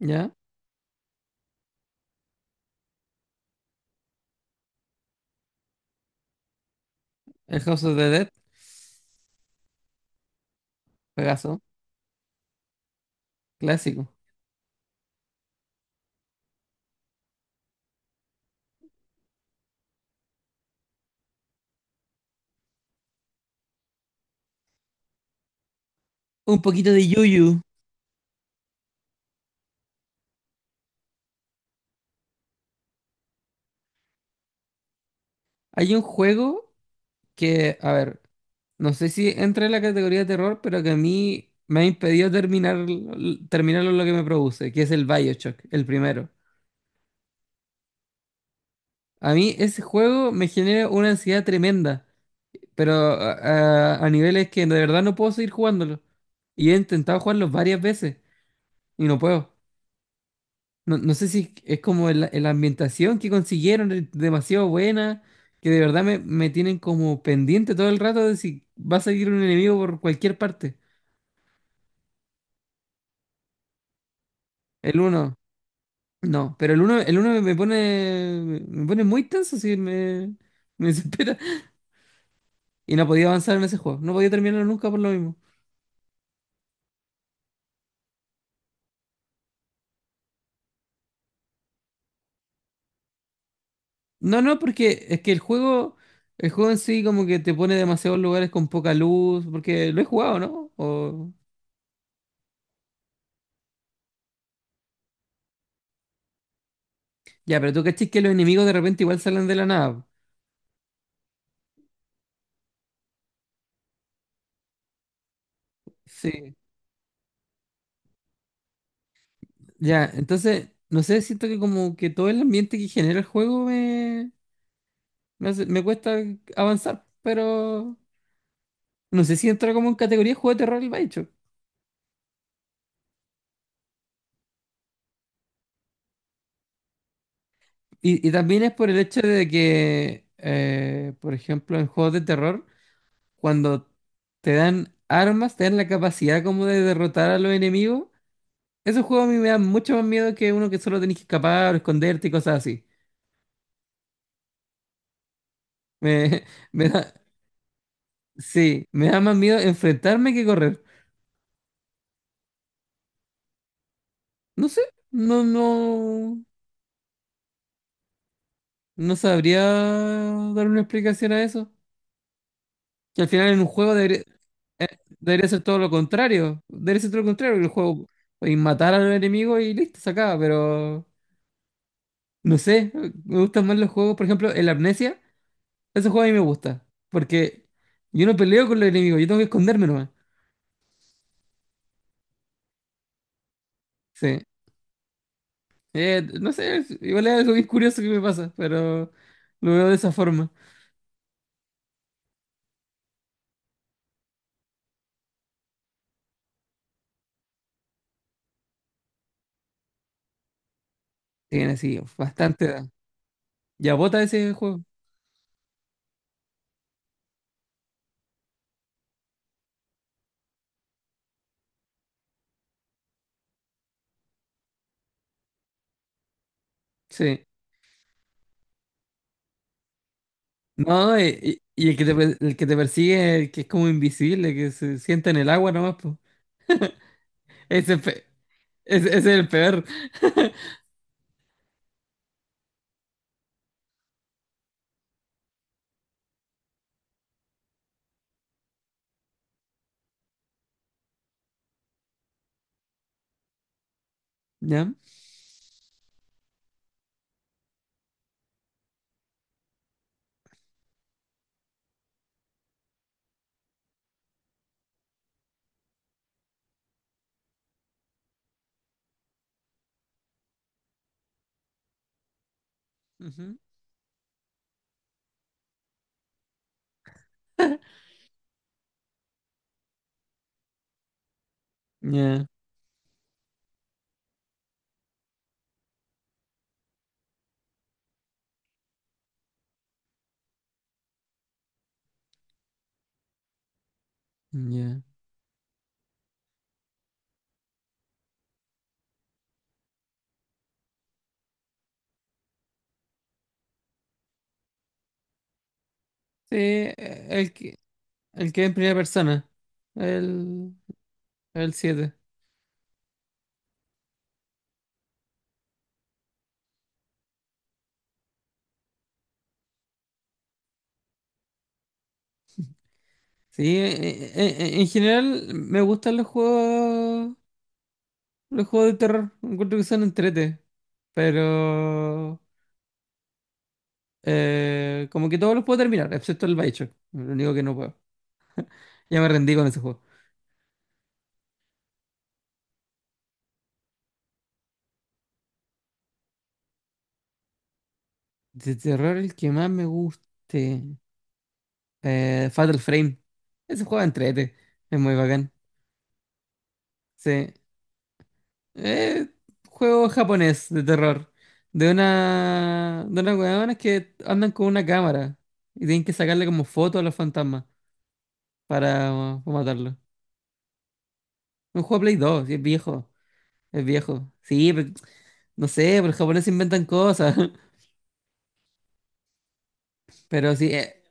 Ya, el House of the Dead, pegazo, clásico. Un poquito de Yuyu. Hay un juego que, a ver, no sé si entra en la categoría de terror, pero que a mí me ha impedido terminarlo lo que me produce, que es el BioShock, el primero. A mí ese juego me genera una ansiedad tremenda, pero a niveles que de verdad no puedo seguir jugándolo. Y he intentado jugarlo varias veces y no puedo. No, no sé si es como la ambientación que consiguieron, es demasiado buena, que de verdad me tienen como pendiente todo el rato de si va a salir un enemigo por cualquier parte. El uno, no, pero el uno me pone muy tenso, sí, me desespera. Y no podía avanzar en ese juego, no podía terminarlo nunca por lo mismo. No, no, porque es que el juego en sí como que te pone demasiados lugares con poca luz, porque lo he jugado, ¿no? O... Ya, pero tú cachis que los enemigos de repente igual salen de la nada. Sí. Ya, entonces, no sé, siento que como que todo el ambiente que genera el juego me cuesta avanzar, pero no sé si entra como en categoría de juego de terror el Bioshock. Y también es por el hecho de que, por ejemplo, en juegos de terror, cuando te dan armas, te dan la capacidad como de derrotar a los enemigos, esos juegos a mí me dan mucho más miedo que uno que solo tenés que escapar o esconderte y cosas así. Me, me da, sí, me da más miedo enfrentarme que correr. No sé, no, no, no sabría dar una explicación a eso. Que al final en un juego debería, eh, debería ser todo lo contrario. Debería ser todo lo contrario, que el juego y matar al enemigo y listo, se acaba. Pero no sé, me gustan más los juegos, por ejemplo, el Amnesia, ese juego a mí me gusta. Porque yo no peleo con los enemigos, yo tengo que esconderme nomás. Sí. No sé, igual es algo bien curioso que me pasa, pero lo veo de esa forma. Tiene así bastante edad. Ya bota ese juego. Sí. No, y el que te, per- el que te persigue, el que es como invisible, que se sienta en el agua nomás, pues. Ese, pe- ese es el peor. ¿Ya? Ujú. Ya, ya. Sí, el que es en primera persona. El, el siete. Sí, en general me gustan los juegos de terror. Encuentro que son entrete. Pero como que todos los puedo terminar, excepto el Bioshock. Lo único que no puedo. Ya me rendí con ese juego. De terror el que más me guste. Fatal Frame. Ese juego entrete. Es muy bacán. Sí. Eh, juego japonés de terror. De una. De unas hueonas que andan con una cámara. Y tienen que sacarle como fotos a los fantasmas para matarlos. Un juego de Play 2, y es viejo. Es viejo. Sí, pero- no sé, pero los japoneses inventan cosas. Pero sí,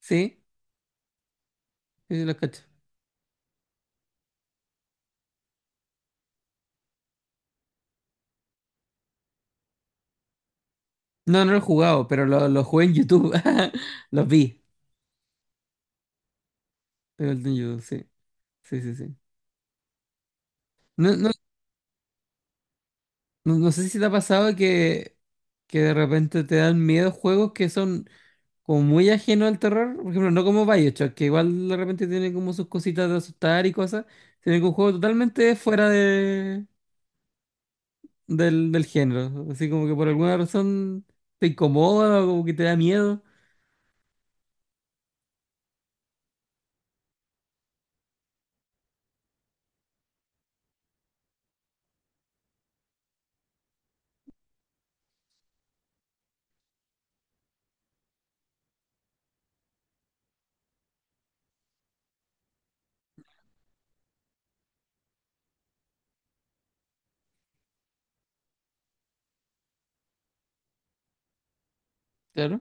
sí, sí, los cacho. No, no lo he jugado, pero lo jugué en YouTube. Los vi. De Golden Judo, sí. Sí, sí, sí. No, no, no, no sé si te ha pasado que, de repente te dan miedo juegos que son como muy ajenos al terror. Por ejemplo, no como BioShock, que igual de repente tiene como sus cositas de asustar y cosas. Tiene que un juego totalmente fuera del género. Así como que por alguna razón te incomoda o como que te da miedo. Claro.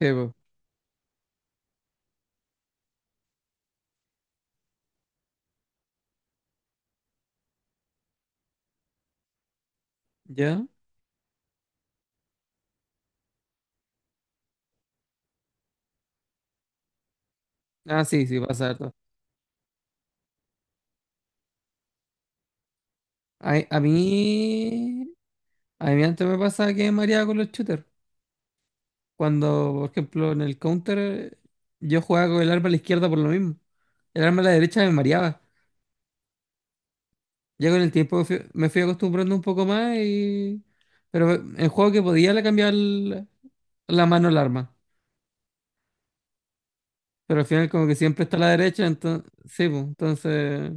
Sí, po. ¿Ya? Ah, sí, sí, pasa harto. A, a mí, a mí antes me pasaba que me mareaba con los shooters. Cuando, por ejemplo, en el counter, yo jugaba con el arma a la izquierda por lo mismo. El arma a la derecha me mareaba. Ya con el tiempo me fui acostumbrando un poco más y... Pero en juego que podía le cambiaba la mano al arma. Pero al final como que siempre está a la derecha, entonces... Sí, pues, entonces...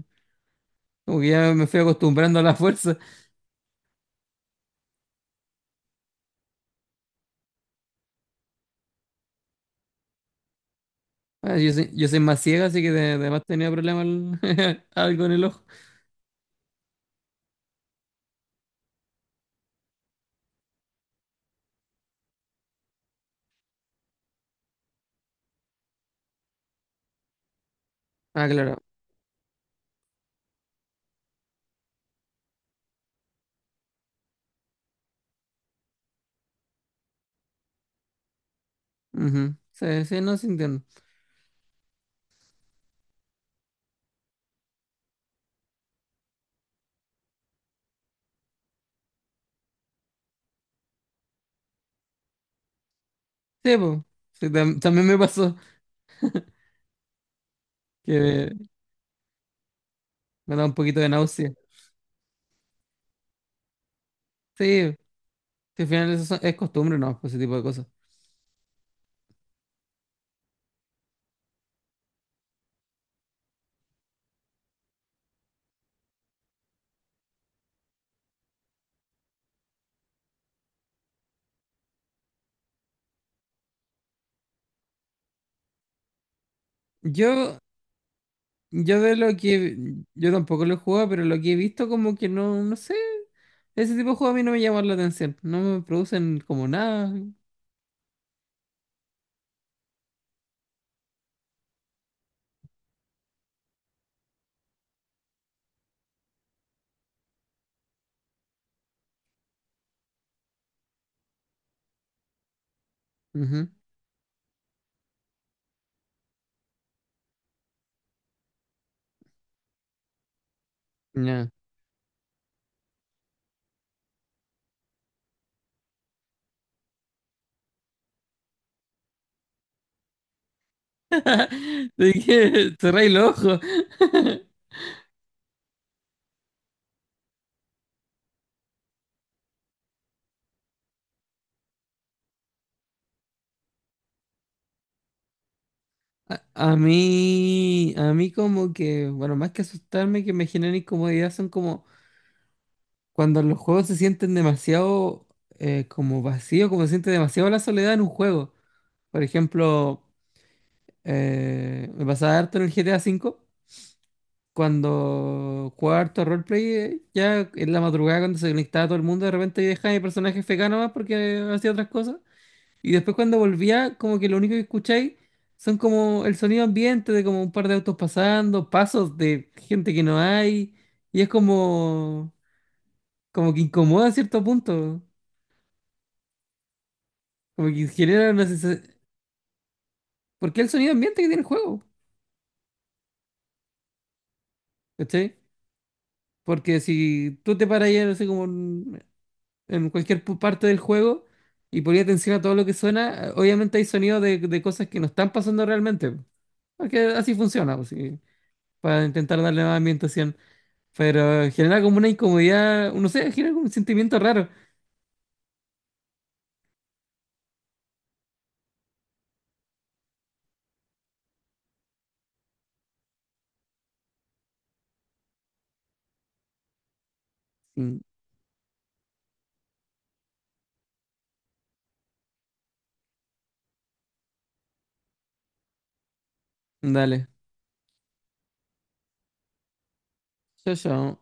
Como que ya me fui acostumbrando a la fuerza. Ah, yo soy más ciega, así que además tenía problemas algo en el ojo. Ah, claro. Ujú. Sí, sí, no, se entiende. Sí, pues. Sí, también me pasó que me da un poquito de náusea. Sí, que al final eso son- es costumbre, ¿no? Pues ese tipo de cosas. Yo, yo de lo que... Yo tampoco lo he jugado, pero lo que he visto como que no, no sé. Ese tipo de juego a mí no me llama la atención. No me producen como nada. Ujú, ya. ¿De qué? Cerré el ojo. A, a mí como que, bueno, más que asustarme, que me generan incomodidad, son como cuando los juegos se sienten demasiado como vacío, como se siente demasiado la soledad en un juego. Por ejemplo, me pasaba harto en el GTA V, cuando jugaba harto roleplay, ya en la madrugada cuando se conectaba todo el mundo, de repente yo dejaba mi personaje FK más porque hacía otras cosas. Y después cuando volvía, como que lo único que escucháis son como el sonido ambiente de como un par de autos pasando, pasos de gente que no hay. Y es como, como que incomoda a cierto punto. Como que genera una sensación... Porque es el sonido ambiente que tiene el juego, ¿cachai? Porque si tú te paras ahí, no sé, como en, cualquier parte del juego y ponías atención a todo lo que suena, obviamente hay sonidos de cosas que no están pasando realmente. Porque así funciona, pues, sí, para intentar darle más ambientación. Pero genera como una incomodidad, no sé, genera como un sentimiento raro. Mm, Dale Chao, chao.